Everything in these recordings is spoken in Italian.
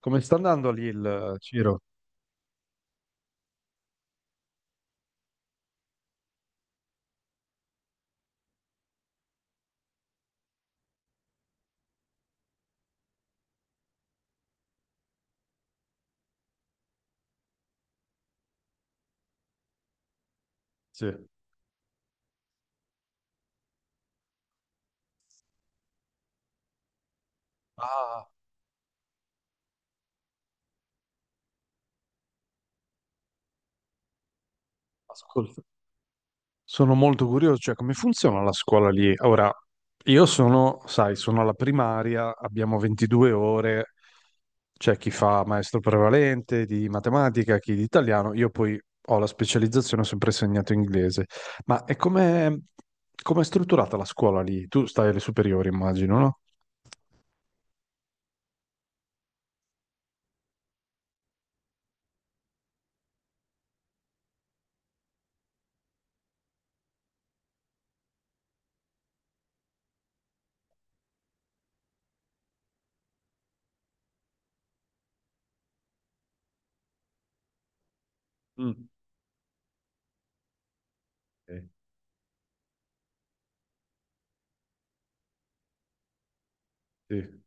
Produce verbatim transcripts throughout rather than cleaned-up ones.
Come sta andando lì il eh, Ciro? Sì. Ah, ascolta. Sono molto curioso, cioè come funziona la scuola lì? Ora, io sono, sai, sono alla primaria, abbiamo ventidue ore, c'è chi fa maestro prevalente di matematica, chi di italiano, io poi ho la specializzazione, ho sempre insegnato inglese. Ma è come come è strutturata la scuola lì? Tu stai alle superiori, immagino, no? Mm. Sì, sì,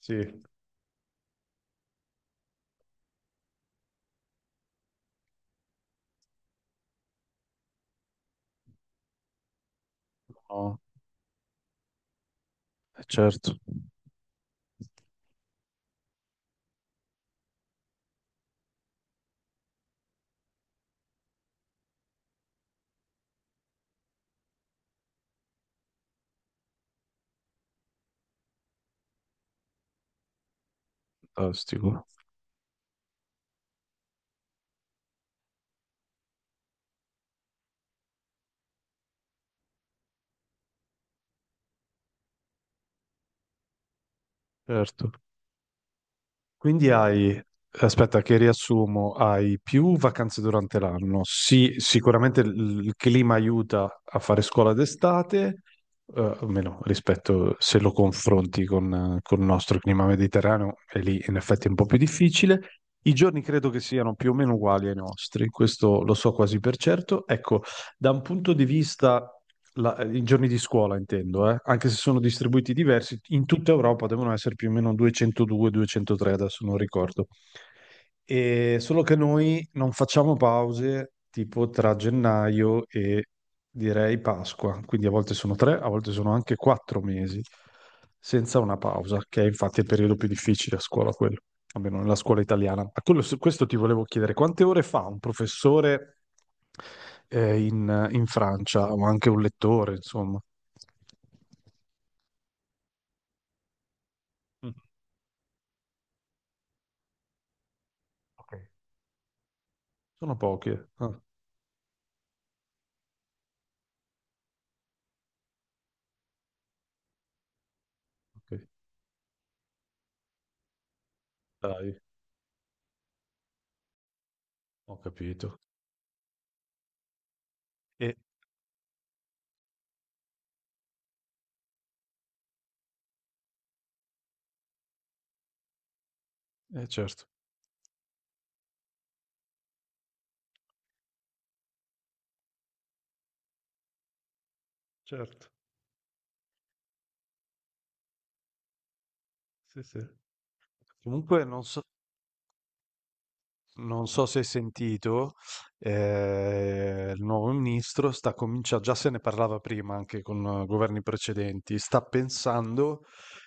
sì. No, eh, certo, fantastico. Certo. Quindi hai, aspetta che riassumo, hai più vacanze durante l'anno. Sì, sicuramente il il clima aiuta a fare scuola d'estate, eh, almeno rispetto se lo confronti con, eh, con il nostro clima mediterraneo, e lì in effetti è un po' più difficile. I giorni credo che siano più o meno uguali ai nostri, questo lo so quasi per certo. Ecco, da un punto di vista, la- i giorni di scuola intendo, eh, anche se sono distribuiti diversi, in tutta Europa devono essere più o meno duecentodue o duecentotre, adesso non ricordo. E solo che noi non facciamo pause tipo tra gennaio e direi Pasqua, quindi a volte sono tre, a volte sono anche quattro mesi senza una pausa, che è infatti il periodo più difficile a scuola, quello almeno nella scuola italiana. A quello- su questo ti volevo chiedere, quante ore fa un professore eh, in, in Francia o anche un lettore, insomma? Mm, ok. Sono poche. Ah, ok. Dai, ho capito. E, eh, certo. Certo, sì, sì. Comunque non so, Non so se hai sentito, eh, il nuovo ministro sta cominciando, già se ne parlava prima anche con eh, governi precedenti, sta pensando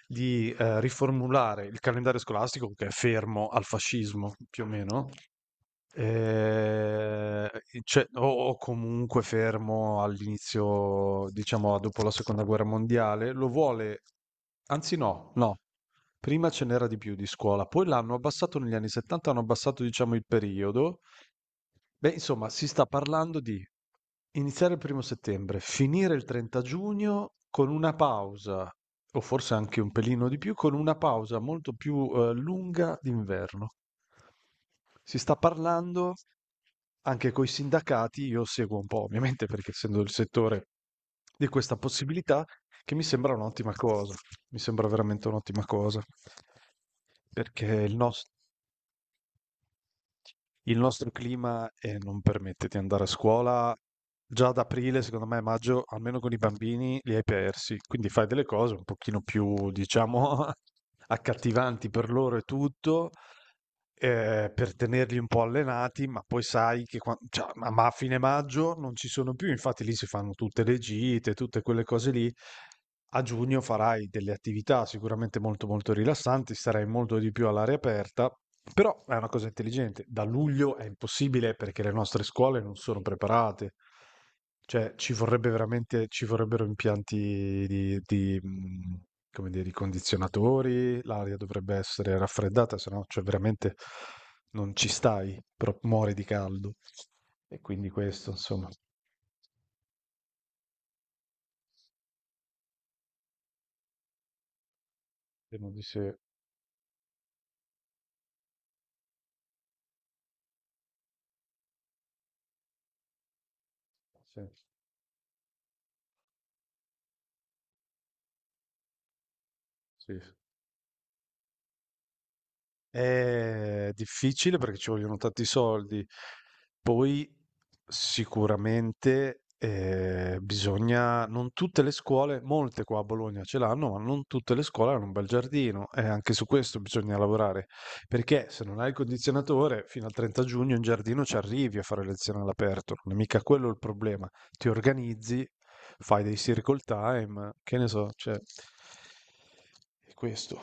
di eh, riformulare il calendario scolastico che è fermo al fascismo più o meno. Ehm, i Cioè, o o comunque fermo all'inizio, diciamo dopo la seconda guerra mondiale, lo vuole, anzi no, no, prima ce n'era di più di scuola, poi l'hanno abbassato negli anni 'settanta, hanno abbassato diciamo il periodo. Beh, insomma, si sta parlando di iniziare il primo settembre, finire il trenta giugno con una pausa, o forse anche un pelino di più, con una pausa molto più, ehm, lunga d'inverno. Si sta parlando anche coi sindacati, io seguo un po' ovviamente perché essendo del settore, di questa possibilità, che mi sembra un'ottima cosa, mi sembra veramente un'ottima cosa. Perché il nos il nostro clima eh, non permette di andare a scuola già ad aprile, secondo me, maggio, almeno con i bambini, li hai persi. Quindi fai delle cose un pochino più, diciamo, accattivanti per loro e tutto, eh, per tenerli un po' allenati, ma poi sai che quan- cioè, ma ma a fine maggio non ci sono più, infatti lì si fanno tutte le gite, tutte quelle cose lì. A giugno farai delle attività sicuramente molto molto rilassanti, starai molto di più all'aria aperta, però è una cosa intelligente. Da luglio è impossibile perché le nostre scuole non sono preparate. Cioè, ci vorrebbe veramente, ci vorrebbero impianti di, di, mh, come dire, di condizionatori. L'aria dovrebbe essere raffreddata, se no, cioè veramente non ci stai, però muori di caldo. E quindi questo, insomma, vediamo di se- se- sì, sì. È difficile perché ci vogliono tanti soldi. Poi sicuramente eh, bisogna, non tutte le scuole, molte qua a Bologna ce l'hanno, ma non tutte le scuole hanno un bel giardino e anche su questo bisogna lavorare, perché se non hai il condizionatore, fino al trenta giugno in giardino ci arrivi a fare lezione all'aperto, non è mica quello il problema. Ti organizzi, fai dei circle time, che ne so, cioè è questo.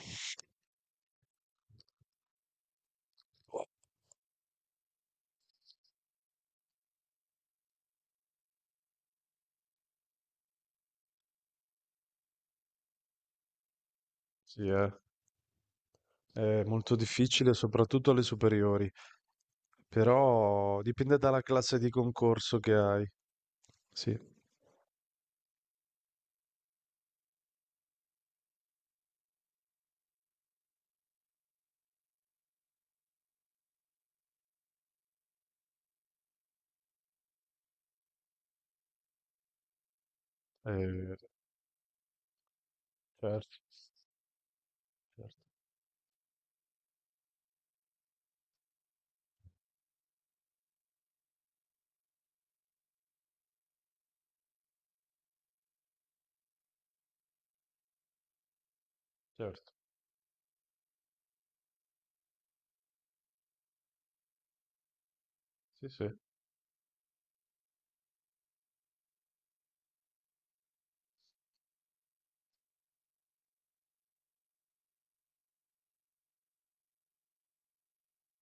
Sì, eh. È molto difficile, soprattutto alle superiori, però dipende dalla classe di concorso che hai. Sì, eh, certo, certo, certo. Sì, sì.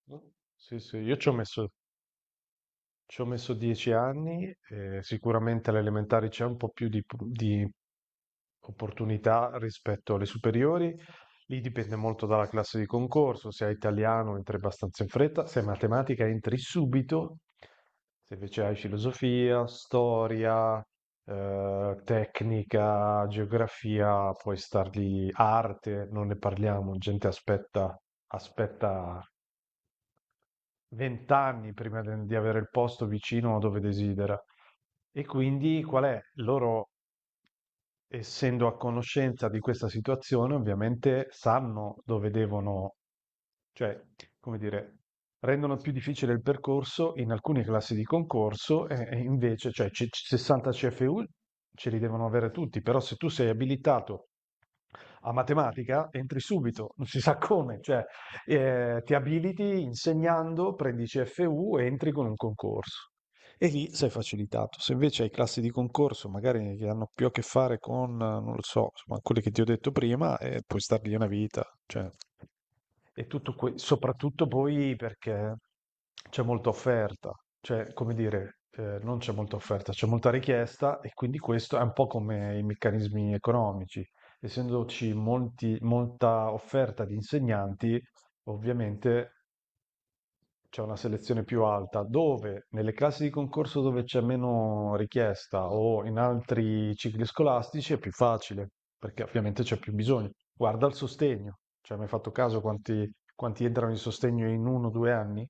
No? Sì, sì. Io ci ho messo, ci ho messo dieci anni e sicuramente alle elementari c'è un po' più di, di, opportunità rispetto alle superiori. Lì dipende molto dalla classe di concorso, se hai italiano entri abbastanza in fretta, se hai matematica entri subito, se invece hai filosofia, storia, eh, tecnica, geografia, puoi star lì, arte, non ne parliamo, gente aspetta, aspetta venti anni prima de- di avere il posto vicino a dove desidera. E quindi qual è? Loro, essendo a conoscenza di questa situazione, ovviamente sanno dove devono. Cioè, come dire, rendono più difficile il percorso in alcune classi di concorso e e invece, cioè c sessanta C F U ce li devono avere tutti, però se tu sei abilitato a matematica entri subito, non si sa come, cioè, ehm, ti abiliti insegnando, prendi i C F U e entri con un concorso. E lì sei facilitato. Se invece hai classi di concorso, magari che hanno più a che fare con, eh, non lo so, insomma quelle che ti ho detto prima, eh, puoi star lì una vita, cioè. E tutto que- soprattutto poi perché c'è molta offerta, cioè, come dire, eh, non c'è molta offerta, c'è molta richiesta e quindi questo è un po' come i meccanismi economici. Essendoci molti- molta offerta di insegnanti, ovviamente c'è una selezione più alta, dove nelle classi di concorso dove c'è meno richiesta o in altri cicli scolastici è più facile, perché ovviamente c'è più bisogno. Guarda il sostegno, cioè mi hai fatto caso quanti, quanti entrano in sostegno in uno o due anni?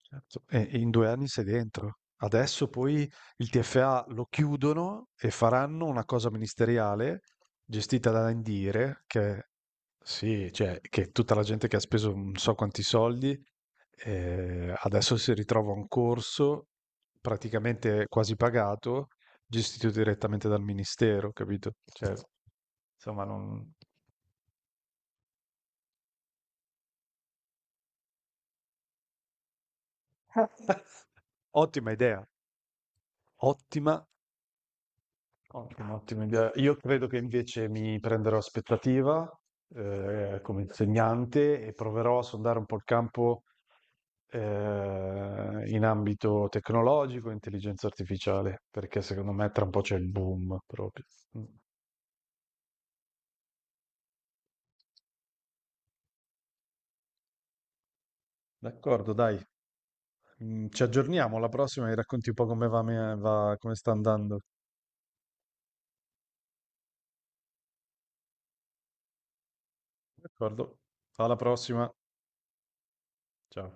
Certo. E e in due anni sei dentro. Adesso poi il T F A lo chiudono e faranno una cosa ministeriale gestita da Indire, che sì, cioè, che tutta la gente che ha speso non so quanti soldi. Ehm, adesso si ritrova un corso praticamente quasi pagato, gestito direttamente dal ministero, capito? Cioè, insomma, non ottima idea. Ottima, ottima, ottima idea. Io credo che invece mi prenderò aspettativa, ehm, come insegnante, e proverò a sondare un po' il campo, ehm, in ambito tecnologico, e intelligenza artificiale, perché secondo me tra un po' c'è il boom proprio. Mh. D'accordo, dai. Mm, Ci aggiorniamo alla prossima e racconti un po' come va, me- va- come sta andando. D'accordo? Alla prossima. Ciao.